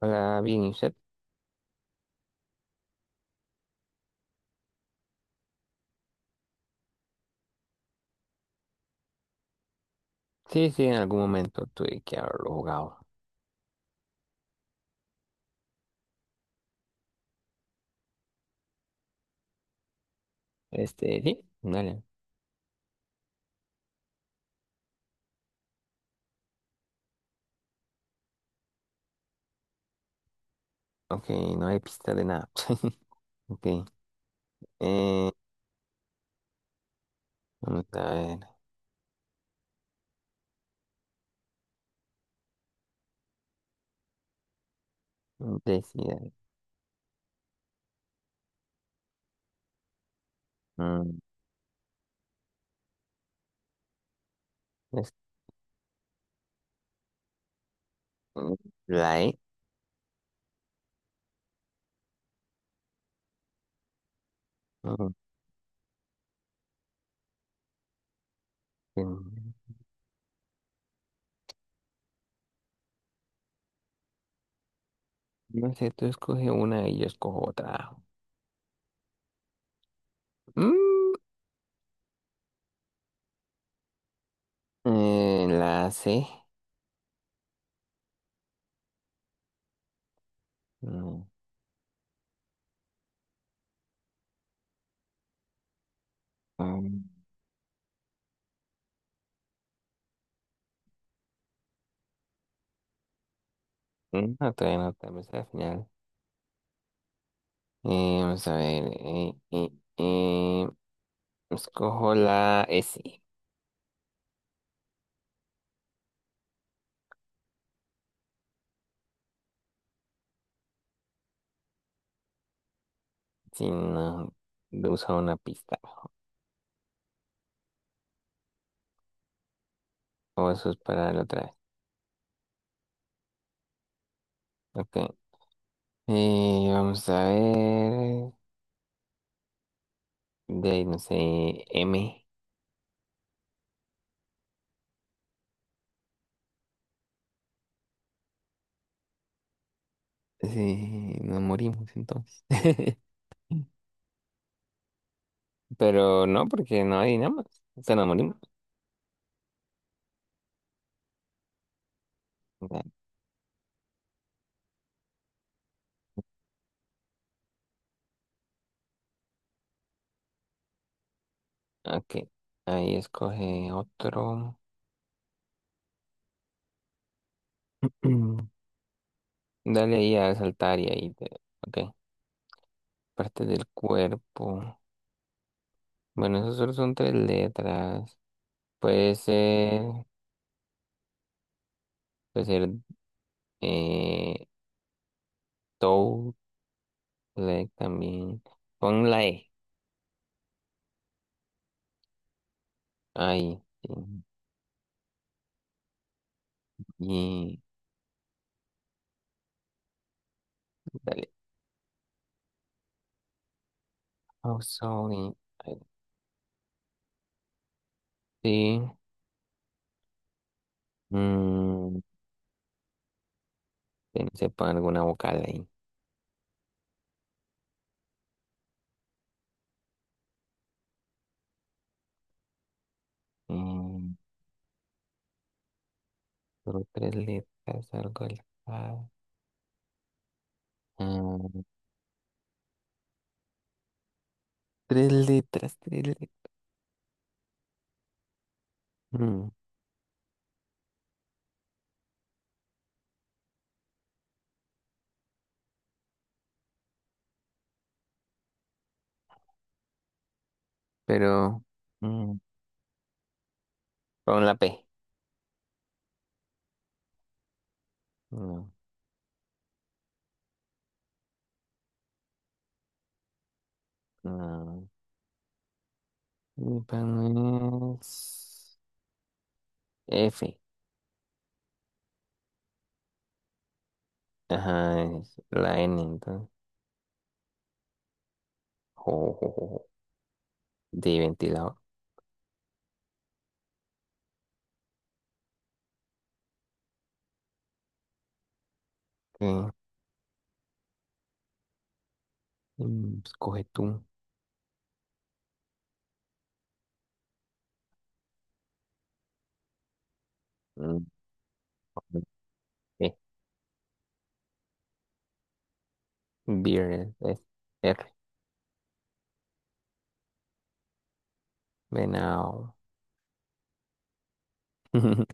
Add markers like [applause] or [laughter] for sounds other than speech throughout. Hola, bien, ¿y usted? Sí, sí, en algún momento tuve que haberlo jugado. Sí, dale. Ok, no hay pista de nada. [laughs] Ok, eh, vamos a ver. Decida. Mm, es- mm, la E. No mm, no sé, tú escoge una y yo escojo otra. Mm, la C. No, mm, no, todavía no, tal vez al final. Vamos a ver. Eh, escojo la S. Sí, no, de una pista. O eso es para la otra vez. Ok. Vamos a ver. De ahí, no sé, M. Sí, nos morimos entonces. [laughs] Pero no, porque no hay nada más. O sea, nos morimos. Ya, ok. Ahí escoge otro. [clears throat] Mm. Dale ahí a saltar y ahí te. Ok. Parte del cuerpo. Bueno, esos solo son tres letras. Puede ser. Puede ser. Eh, Like también. Pon la E. Ahí. Sí. Y dale. Oh, sorry. Ahí, sí. Mm, pensé pon alguna vocal ahí. Mm, solo tres letras, algo al mm, tres letras, tres letras. Mm, pero mm, pon la P. No, no. Y pon es F. Ajá, es la N entonces. Jo, jo, jo, jo, de ventilador. Ok. Escoge tú. Mm, eh, Beer es R. Venado. [laughs]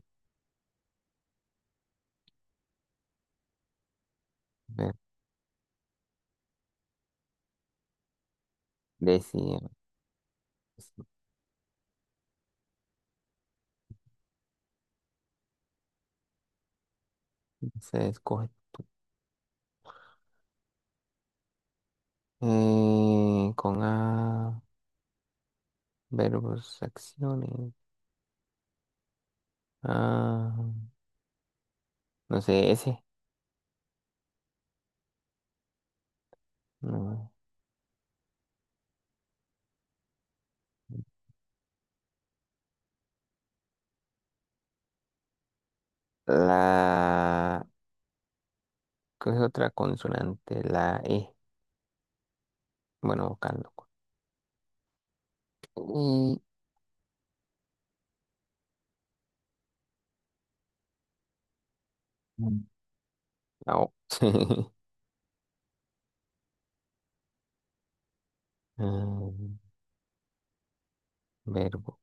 Eh, Decía. Se escoge. Con A. Verbos, acciones. Ah, no sé, S. No. La. ¿Qué es otra consonante? La E. Bueno, vocal, loco. Y mm. la O. [laughs] Ah, verbo.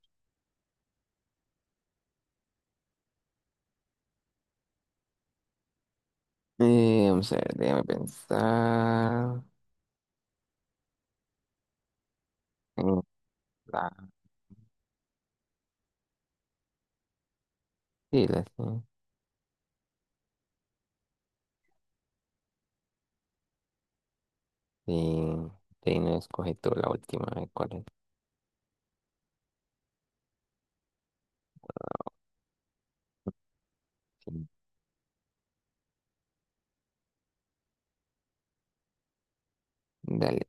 Vamos a ver, déjame pensar. La, sí, la sí. Y de ahí no escoge tú la última, a ver ¿cuál es? Sí, dale.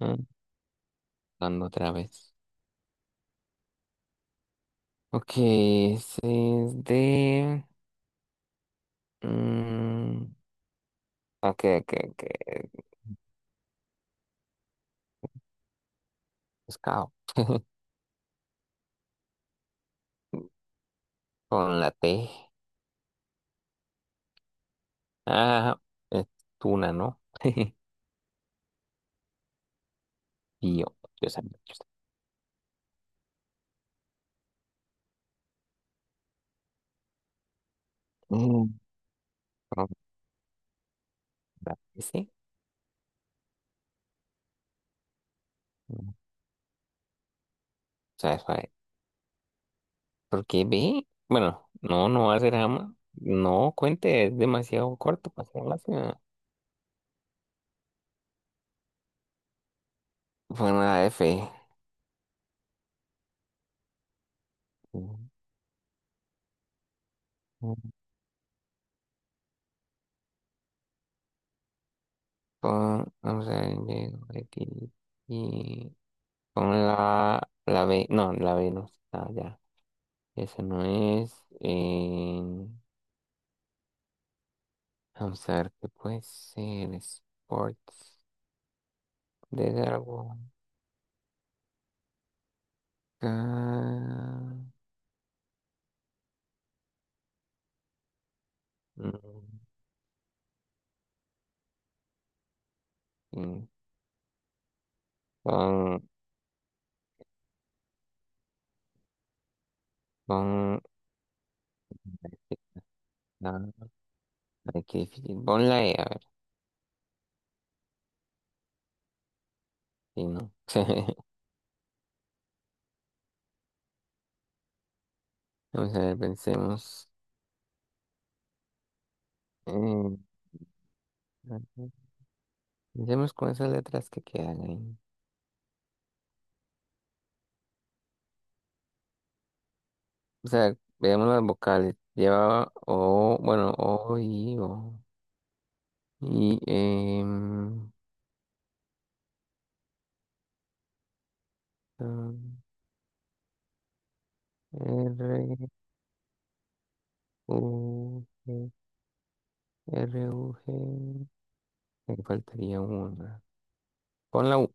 Ah, dando otra vez. Ok, ese es de. mm, ok, ok, ok. Pescado. Con la T. Ah, es tuna, ¿no? [laughs] Y yo sabía, yo sabía. Con la S. mm, Suave, suave. Porque ve. Bueno, no, no va a ser jamás. No, cuente, es demasiado corto para ser la. Fue una F. Pon, vamos a ver, llego aquí y pon la B. No, la B no está ya. Esa no es. eh, vamos a ver qué puede ser. Sports de algo. Acá. Mm, mm, Pon, pon la. Ay, qué difícil. Pon la E, a ver. Y no. [laughs] Vamos a ver, pensemos. Eh, Empecemos con esas letras que quedan ahí. O sea, veamos las vocales. Llevaba O, bueno, O, I, O. Y, am, R, U, G, R, U, G. Me faltaría una. Pon la U.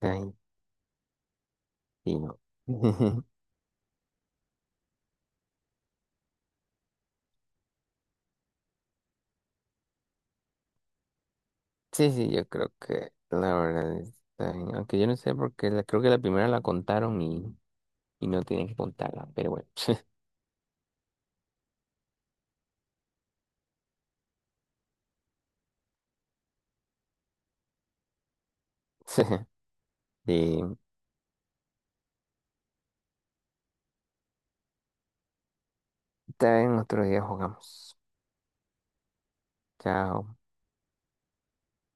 Ay, sí, no. [laughs] Sí, sí, yo creo que la verdad está bien. Aunque yo no sé porque creo que la primera la contaron y no tienen que contarla. Pero bueno. [laughs] Sí, está bien, otro día jugamos. Chao.